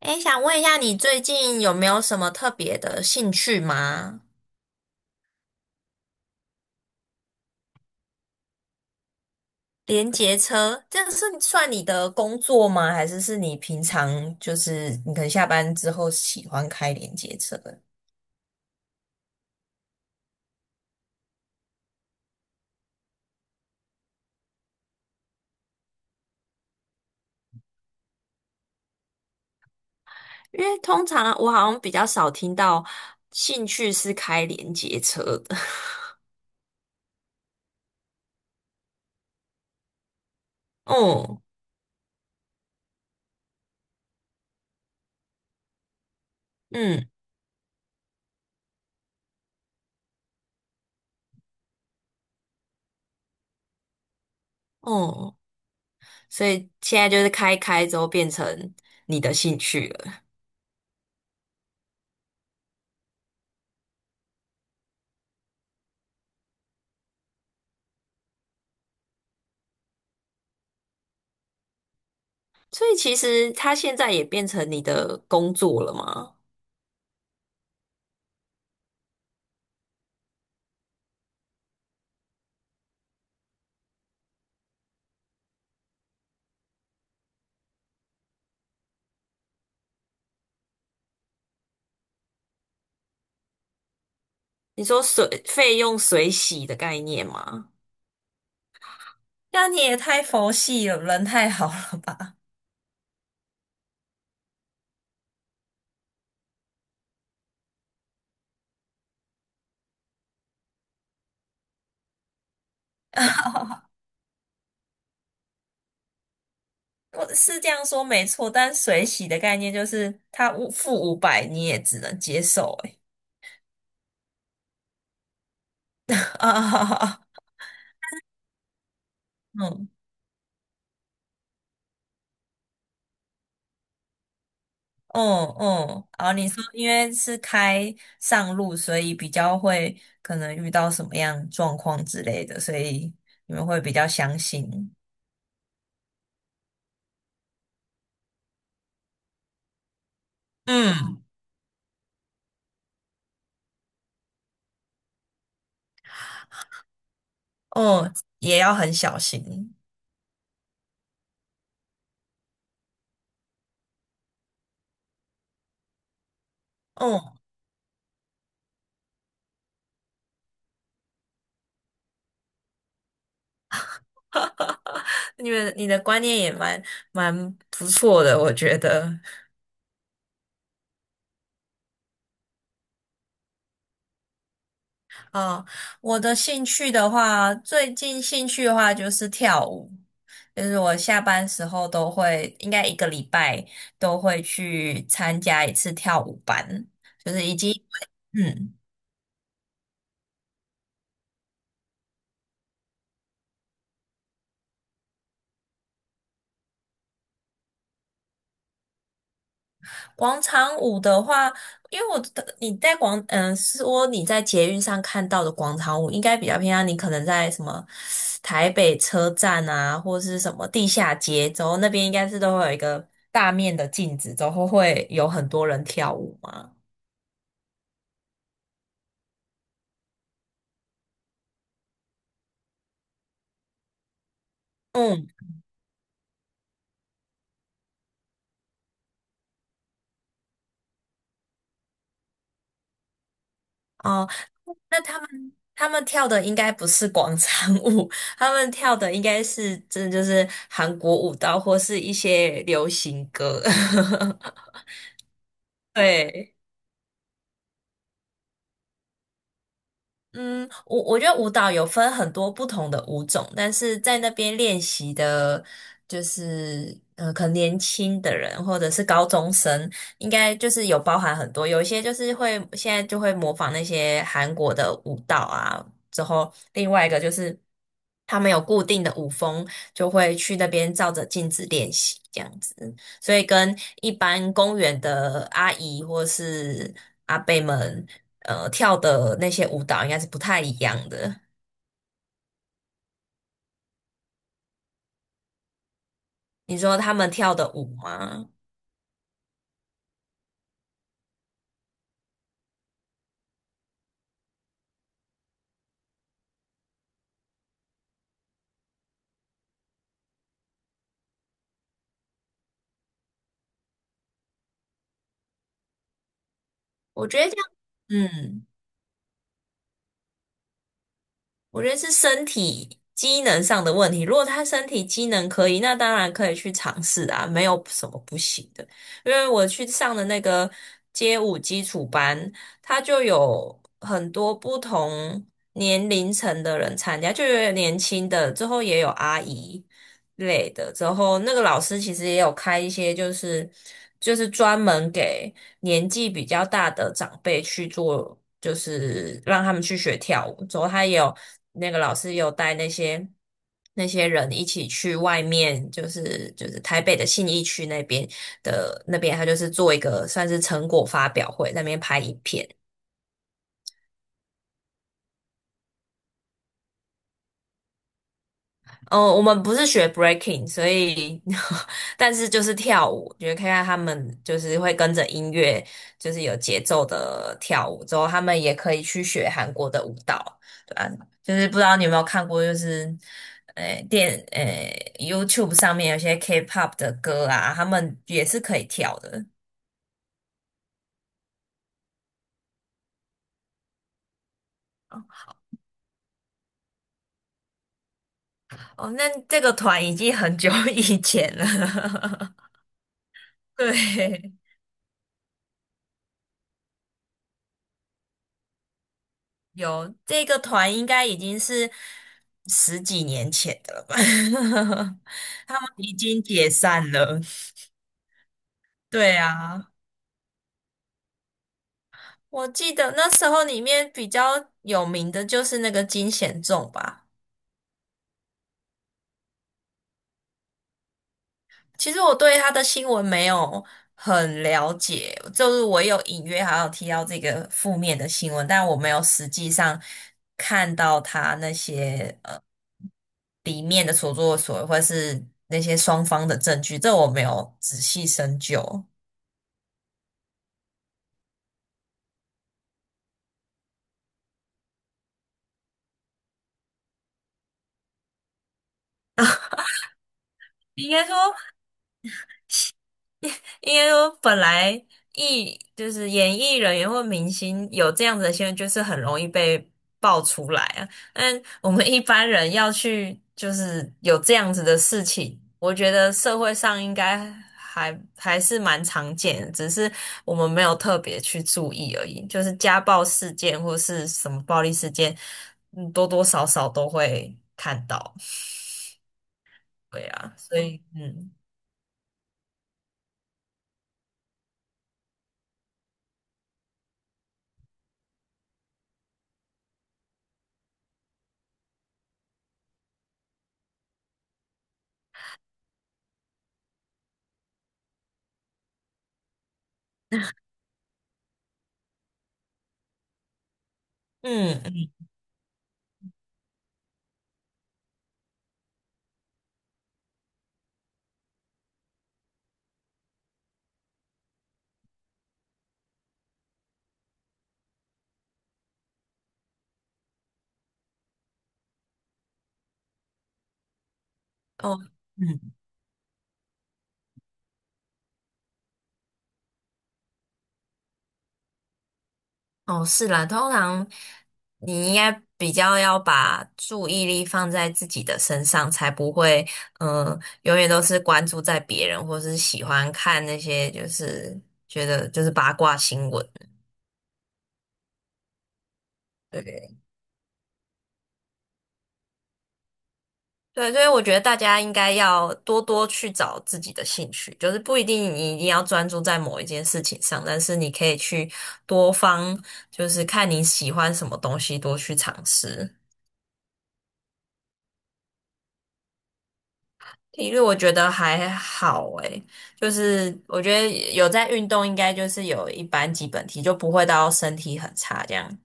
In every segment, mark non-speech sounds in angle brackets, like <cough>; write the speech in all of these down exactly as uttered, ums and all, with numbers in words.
哎，想问一下，你最近有没有什么特别的兴趣吗？连结车，这个是算你的工作吗？还是是你平常就是你可能下班之后喜欢开连结车的。因为通常我好像比较少听到兴趣是开连接车的。<laughs> 嗯嗯嗯，所以现在就是开开之后变成你的兴趣了。所以其实它现在也变成你的工作了吗？你说水费用水洗的概念吗？那你也太佛系了，人太好了吧？<laughs> 我是这样说没错，但水洗的概念就是他五付五百，你也只能接受、欸。<laughs> 啊，嗯嗯嗯，好，你说因为是开上路，所以比较会可能遇到什么样状况之类的，所以你们会比较相信。嗯，哦，也要很小心。嗯。 <laughs> 你们你的观念也蛮蛮不错的，我觉得。啊，我的兴趣的话，最近兴趣的话就是跳舞，就是我下班时候都会，应该一个礼拜都会去参加一次跳舞班，就是已经，嗯。广场舞的话，因为我的你在广，嗯、说你在捷运上看到的广场舞，应该比较偏向你可能在什么台北车站啊，或是什么地下街，之后那边应该是都会有一个大面的镜子，然后会有很多人跳舞嘛。嗯，哦，那他们他们跳的应该不是广场舞。<laughs> 他们跳的应该是真的就是韩国舞蹈或是一些流行歌。<laughs> 对。嗯，我我觉得舞蹈有分很多不同的舞种，但是在那边练习的，就是呃，可能年轻的人或者是高中生，应该就是有包含很多，有一些就是会现在就会模仿那些韩国的舞蹈啊，之后另外一个就是他们有固定的舞风，就会去那边照着镜子练习这样子。所以跟一般公园的阿姨或是阿伯们，呃，跳的那些舞蹈应该是不太一样的。你说他们跳的舞吗？我觉得这样，嗯。我觉得是身体机能上的问题。如果他身体机能可以，那当然可以去尝试啊，没有什么不行的。因为我去上的那个街舞基础班，他就有很多不同年龄层的人参加，就有年轻的，之后也有阿姨，类的。之后那个老师其实也有开一些，就是就是专门给年纪比较大的长辈去做，就是让他们去学跳舞。之后他也有那个老师也有带那些。那些人一起去外面，就是就是台北的信义区那边的那边，他就是做一个算是成果发表会，在那边拍影片。哦，我们不是学 breaking，所以 <laughs> 但是就是跳舞，觉得看看他们就是会跟着音乐，就是有节奏的跳舞，之后他们也可以去学韩国的舞蹈，对啊，就是不知道你有没有看过，就是呃电呃 YouTube 上面有些 K-pop 的歌啊，他们也是可以跳的。哦，那这个团已经很久以前了。<laughs> 对。有这个团应该已经是十几年前的了吧？<laughs> 他们已经解散了。对啊，我记得那时候里面比较有名的就是那个金贤重吧。其实我对他的新闻没有很了解，就是我有隐约好像有提到这个负面的新闻，但我没有实际上看到他那些。呃里面的所作所为，或者是那些双方的证据，这我没有仔细深究。应该说，因为我本来艺就是演艺人员或明星有这样子的新闻，就是很容易被爆出来啊。但我们一般人要去就是有这样子的事情，我觉得社会上应该还还是蛮常见的只是我们没有特别去注意而已。就是家暴事件或是什么暴力事件，嗯，多多少少都会看到。<laughs> 对啊，所以嗯嗯哦。嗯。哦，是啦，通常你应该比较要把注意力放在自己的身上，才不会，嗯、永远都是关注在别人，或是喜欢看那些就是觉得就是八卦新闻。对对，所以我觉得大家应该要多多去找自己的兴趣，就是不一定你一定要专注在某一件事情上，但是你可以去多方，就是看你喜欢什么东西，多去尝试。体育我觉得还好诶，就是我觉得有在运动，应该就是有一般基本体，就不会到身体很差这样。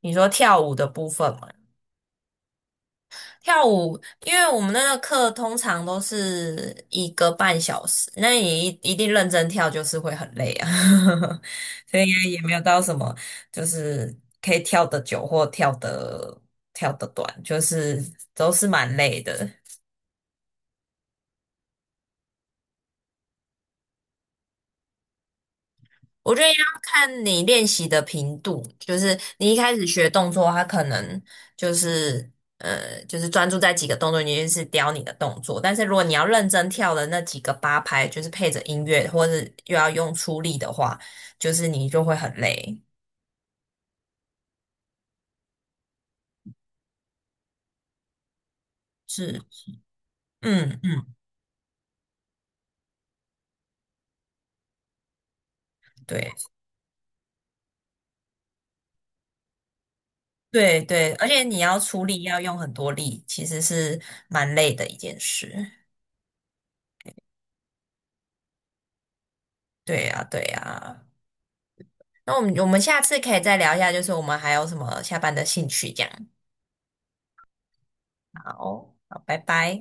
你说跳舞的部分嘛，跳舞，因为我们那个课通常都是一个半小时，那你一一定认真跳就是会很累啊。<laughs> 所以应该也没有到什么就是可以跳得久或跳得跳得短，就是都是蛮累的。我觉得要看你练习的频度，就是你一开始学动作，它可能就是呃，就是专注在几个动作，你就是雕你的动作。但是如果你要认真跳的那几个八拍，就是配着音乐，或是又要用出力的话，就是你就会很累。是，嗯嗯，对对对，而且你要出力，要用很多力，其实是蛮累的一件事。对呀，对呀。那我们我们下次可以再聊一下，就是我们还有什么下班的兴趣这样。好，好，拜拜。